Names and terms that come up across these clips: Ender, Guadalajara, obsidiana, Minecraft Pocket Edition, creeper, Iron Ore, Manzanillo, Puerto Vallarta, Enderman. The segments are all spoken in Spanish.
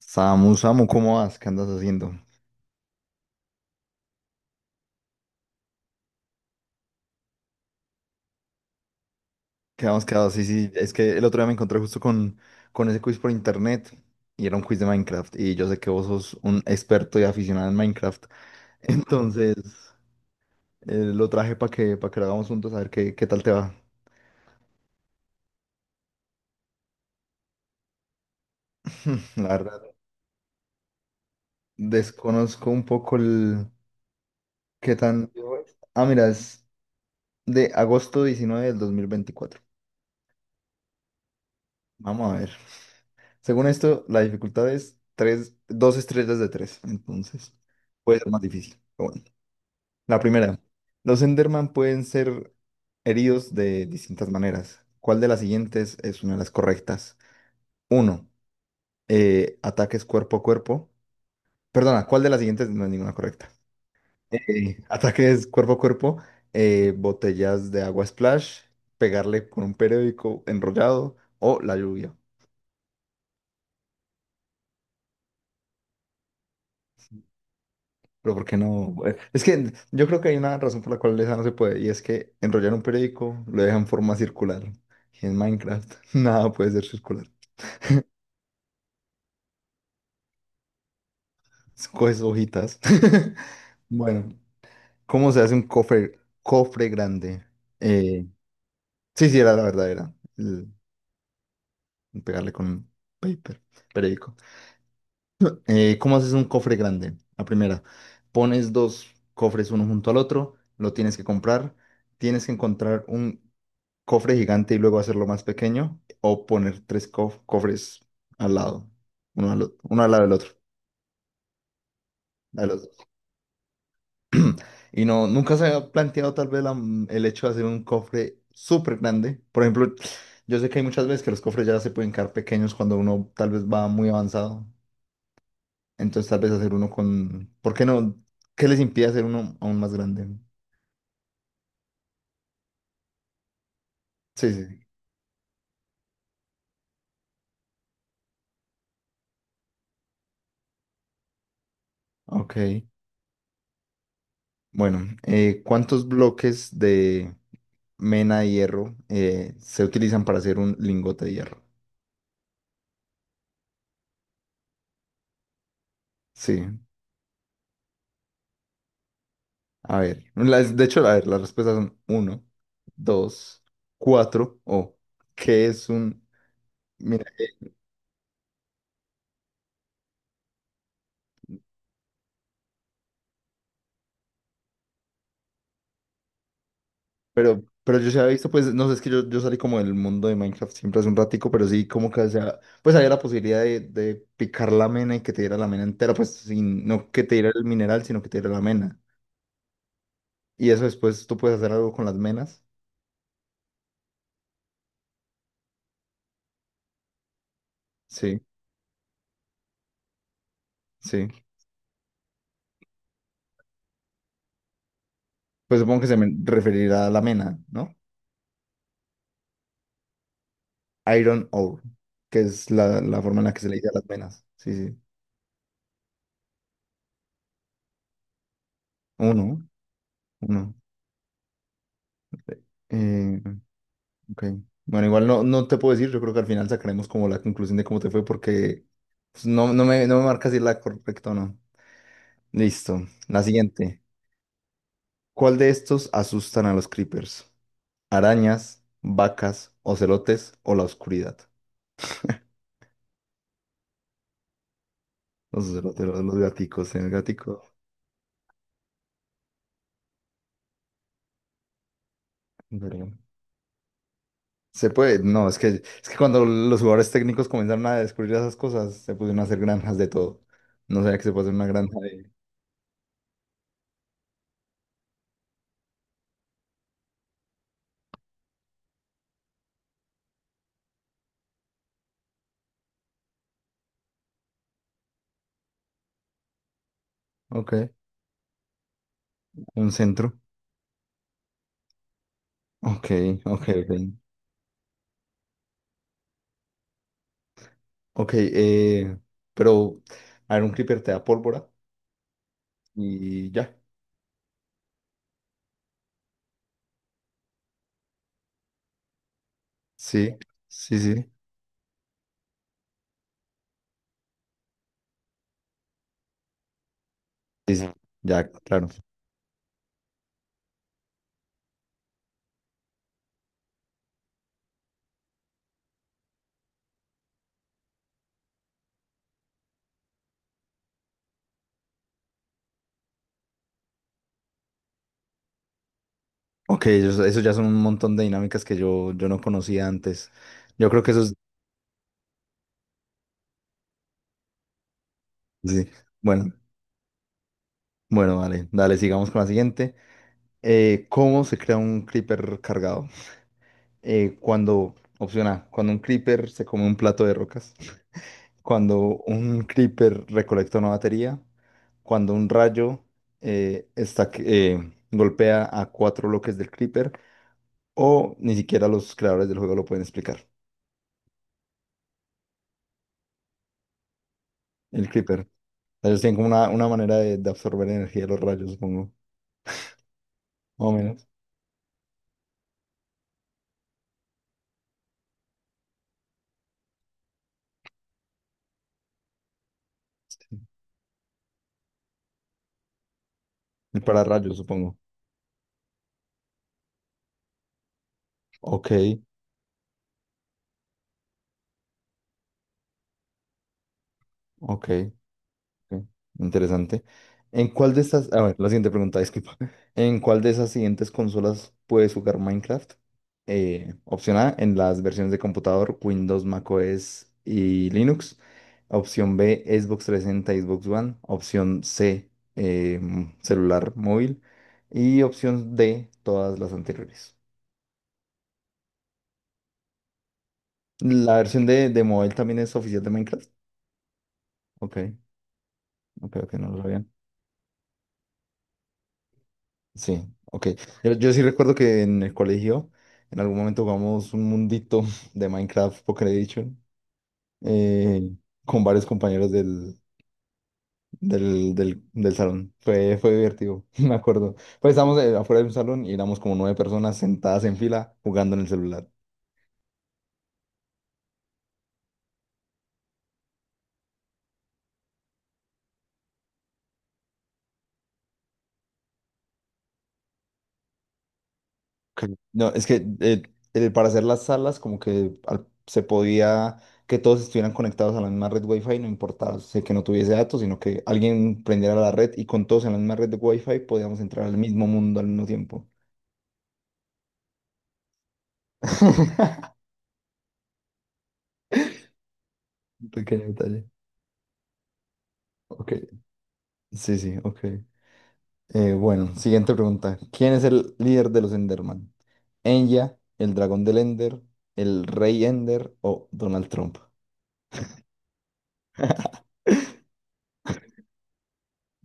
Samu, ¿cómo vas? ¿Qué andas haciendo? ¿Qué habíamos quedado? Sí, sí, es que el otro día me encontré justo con ese quiz por internet y era un quiz de Minecraft y yo sé que vos sos un experto y aficionado en Minecraft, entonces lo traje para que lo hagamos juntos a ver qué tal te va. La verdad, desconozco un poco el qué tan... Ah, mira, es de 19 de agosto de 2024. Vamos a ver. Según esto, la dificultad es tres, dos estrellas de tres, entonces puede ser más difícil, pero bueno. La primera, los Enderman pueden ser heridos de distintas maneras. ¿Cuál de las siguientes es una de las correctas? Uno, ataques cuerpo a cuerpo. Perdona, ¿cuál de las siguientes no es ninguna correcta? Ataques cuerpo a cuerpo, botellas de agua splash, pegarle con un periódico enrollado o la lluvia. Pero ¿por qué no? Es que yo creo que hay una razón por la cual esa no se puede, y es que enrollar un periódico lo deja en forma circular. Y en Minecraft nada puede ser circular. Coges hojitas. Bueno, ¿cómo se hace un cofre grande? Eh, sí, sí, era la verdadera. Pegarle con un paper, periódico. ¿Cómo haces un cofre grande? La primera, pones dos cofres uno junto al otro, lo tienes que comprar, tienes que encontrar un cofre gigante y luego hacerlo más pequeño, o poner tres cofres al lado, uno al lado del otro, de los dos. Y no, nunca se ha planteado tal vez el hecho de hacer un cofre súper grande. Por ejemplo, yo sé que hay muchas veces que los cofres ya se pueden quedar pequeños cuando uno tal vez va muy avanzado. Entonces tal vez hacer uno con... ¿Por qué no? ¿Qué les impide hacer uno aún más grande? Sí, sí, sí. Ok. Bueno, ¿cuántos bloques de... mena de hierro se utilizan para hacer un lingote de hierro? Sí, a ver, de hecho, a ver, las respuestas son uno, dos, cuatro o ¿qué es un...? Mira, pero yo se había visto, pues, no sé, es que yo salí como del mundo de Minecraft siempre hace un ratico, pero sí como que, o sea, pues había la posibilidad de picar la mena y que te diera la mena entera, pues, sin, no que te diera el mineral, sino que te diera la mena. Y eso después tú puedes hacer algo con las menas. Sí, sí. Pues supongo que se me referirá a la mena, ¿no? Iron Ore, que es la, la forma en la que se le dice a las venas. Sí, sí. Uno, uno. Eh, ok. Bueno, igual no, no te puedo decir, yo creo que al final sacaremos como la conclusión de cómo te fue porque pues, no, no me marca si es la correcta o no. Listo. La siguiente. ¿Cuál de estos asustan a los creepers? ¿Arañas, vacas, ocelotes o la oscuridad? Los ocelotes, los gaticos, el gatico. Se puede, no, es que cuando los jugadores técnicos comenzaron a descubrir esas cosas, se pusieron a hacer granjas de todo. No sabía que se puede hacer una granja de... Ok, un centro. Ok, ok. Ok, pero, a ver, un creeper te da pólvora y ya. Sí, sí, sí. Sí, sí, ya, claro. Ok, eso ya son un montón de dinámicas que yo no conocía antes. Yo creo que eso es... Sí, bueno, bueno, vale, dale, sigamos con la siguiente. ¿Cómo se crea un creeper cargado? Opción A, cuando un creeper se come un plato de rocas. Cuando un creeper recolecta una batería. Cuando un rayo golpea a cuatro bloques del creeper. O ni siquiera los creadores del juego lo pueden explicar. El creeper. Ellos tienen como una manera de absorber energía de los rayos, supongo. Más o menos. El pararrayos, supongo. Ok, ok. Ok, interesante. ¿En cuál de estas, a ver, la siguiente pregunta, disculpa. ¿En cuál de esas siguientes consolas puedes jugar Minecraft? Opción A, en las versiones de computador, Windows, macOS y Linux. Opción B, Xbox 360 y Xbox One. Opción C, eh, celular móvil. Y opción D, todas las anteriores. ¿La versión de móvil también es oficial de Minecraft? Ok, ok, no lo sabía. Sí, ok. Yo sí recuerdo que en el colegio en algún momento jugamos un mundito de Minecraft Pocket Edition eh, con varios compañeros del del salón. Fue, fue divertido, me acuerdo. Pues estábamos afuera de un salón y éramos como 9 personas sentadas en fila jugando en el celular. Ok. No, es que para hacer las salas como que se podía que todos estuvieran conectados a la misma red Wi-Fi, no importaba, o sea, que no tuviese datos, sino que alguien prendiera la red y con todos en la misma red de Wi-Fi podíamos entrar al mismo mundo al mismo tiempo. Un pequeño detalle. Ok. Sí, sí, ok. Bueno, siguiente pregunta. ¿Quién es el líder de los Enderman? ¿Enya, el dragón del Ender, el rey Ender o Donald Trump?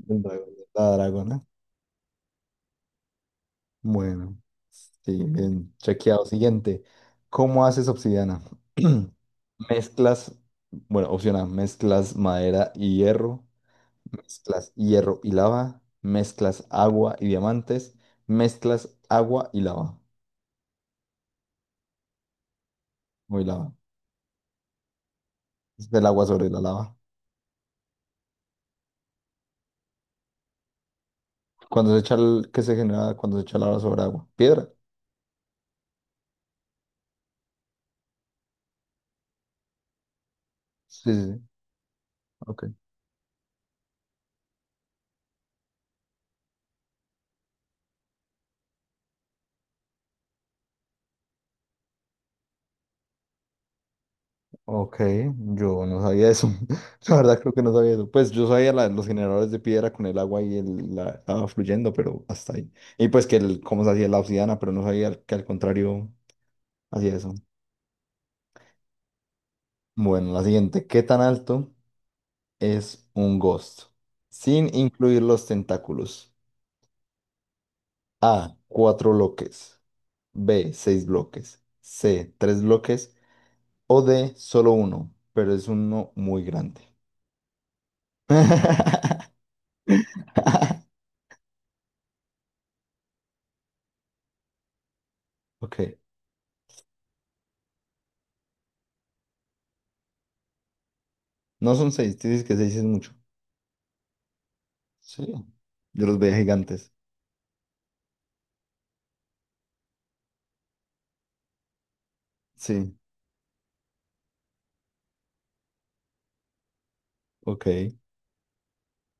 El dragón, la dragona. Bueno, sí, bien, chequeado. Siguiente, ¿cómo haces obsidiana? Mezclas, bueno, opción A, mezclas madera y hierro, mezclas hierro y lava, mezclas agua y diamantes, mezclas agua y lava, o y lava, es del agua sobre la lava. Cuando se echa el, ¿qué se genera cuando se echa lava sobre agua? Piedra. Sí, sí, sí. Ok. Ok, yo no sabía eso. La verdad creo que no sabía eso. Pues yo sabía los generadores de piedra con el agua y el, la estaba fluyendo, pero hasta ahí. Y pues que el, cómo se hacía la obsidiana, pero no sabía que al contrario hacía eso. Bueno, la siguiente. ¿Qué tan alto es un ghost? Sin incluir los tentáculos. A, 4 bloques. B, 6 bloques. C, 3 bloques. O D, solo uno, pero es uno muy grande. Ok. No son seis, tú dices que seis es mucho. Sí. Yo los veía gigantes. Sí, ok.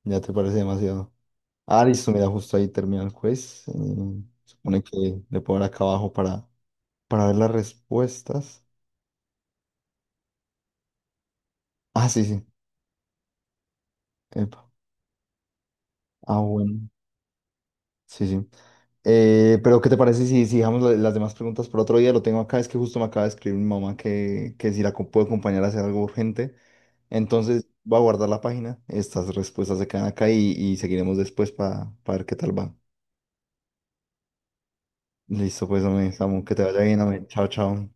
Ya te parece demasiado. Ah, listo, mira, justo ahí termina el quiz. Supone que le puedo dar acá abajo para ver las respuestas. Ah, sí, sí. Epa. Ah, bueno. Sí, sí. Pero ¿qué te parece si, si dejamos las demás preguntas por otro día? Lo tengo acá, es que justo me acaba de escribir mi mamá que si puedo acompañar a hacer algo urgente. Entonces voy a guardar la página, estas respuestas se quedan acá y seguiremos después para ver qué tal va. Listo, pues, hombre, Samu, que te vaya bien, hombre. Chao, chao.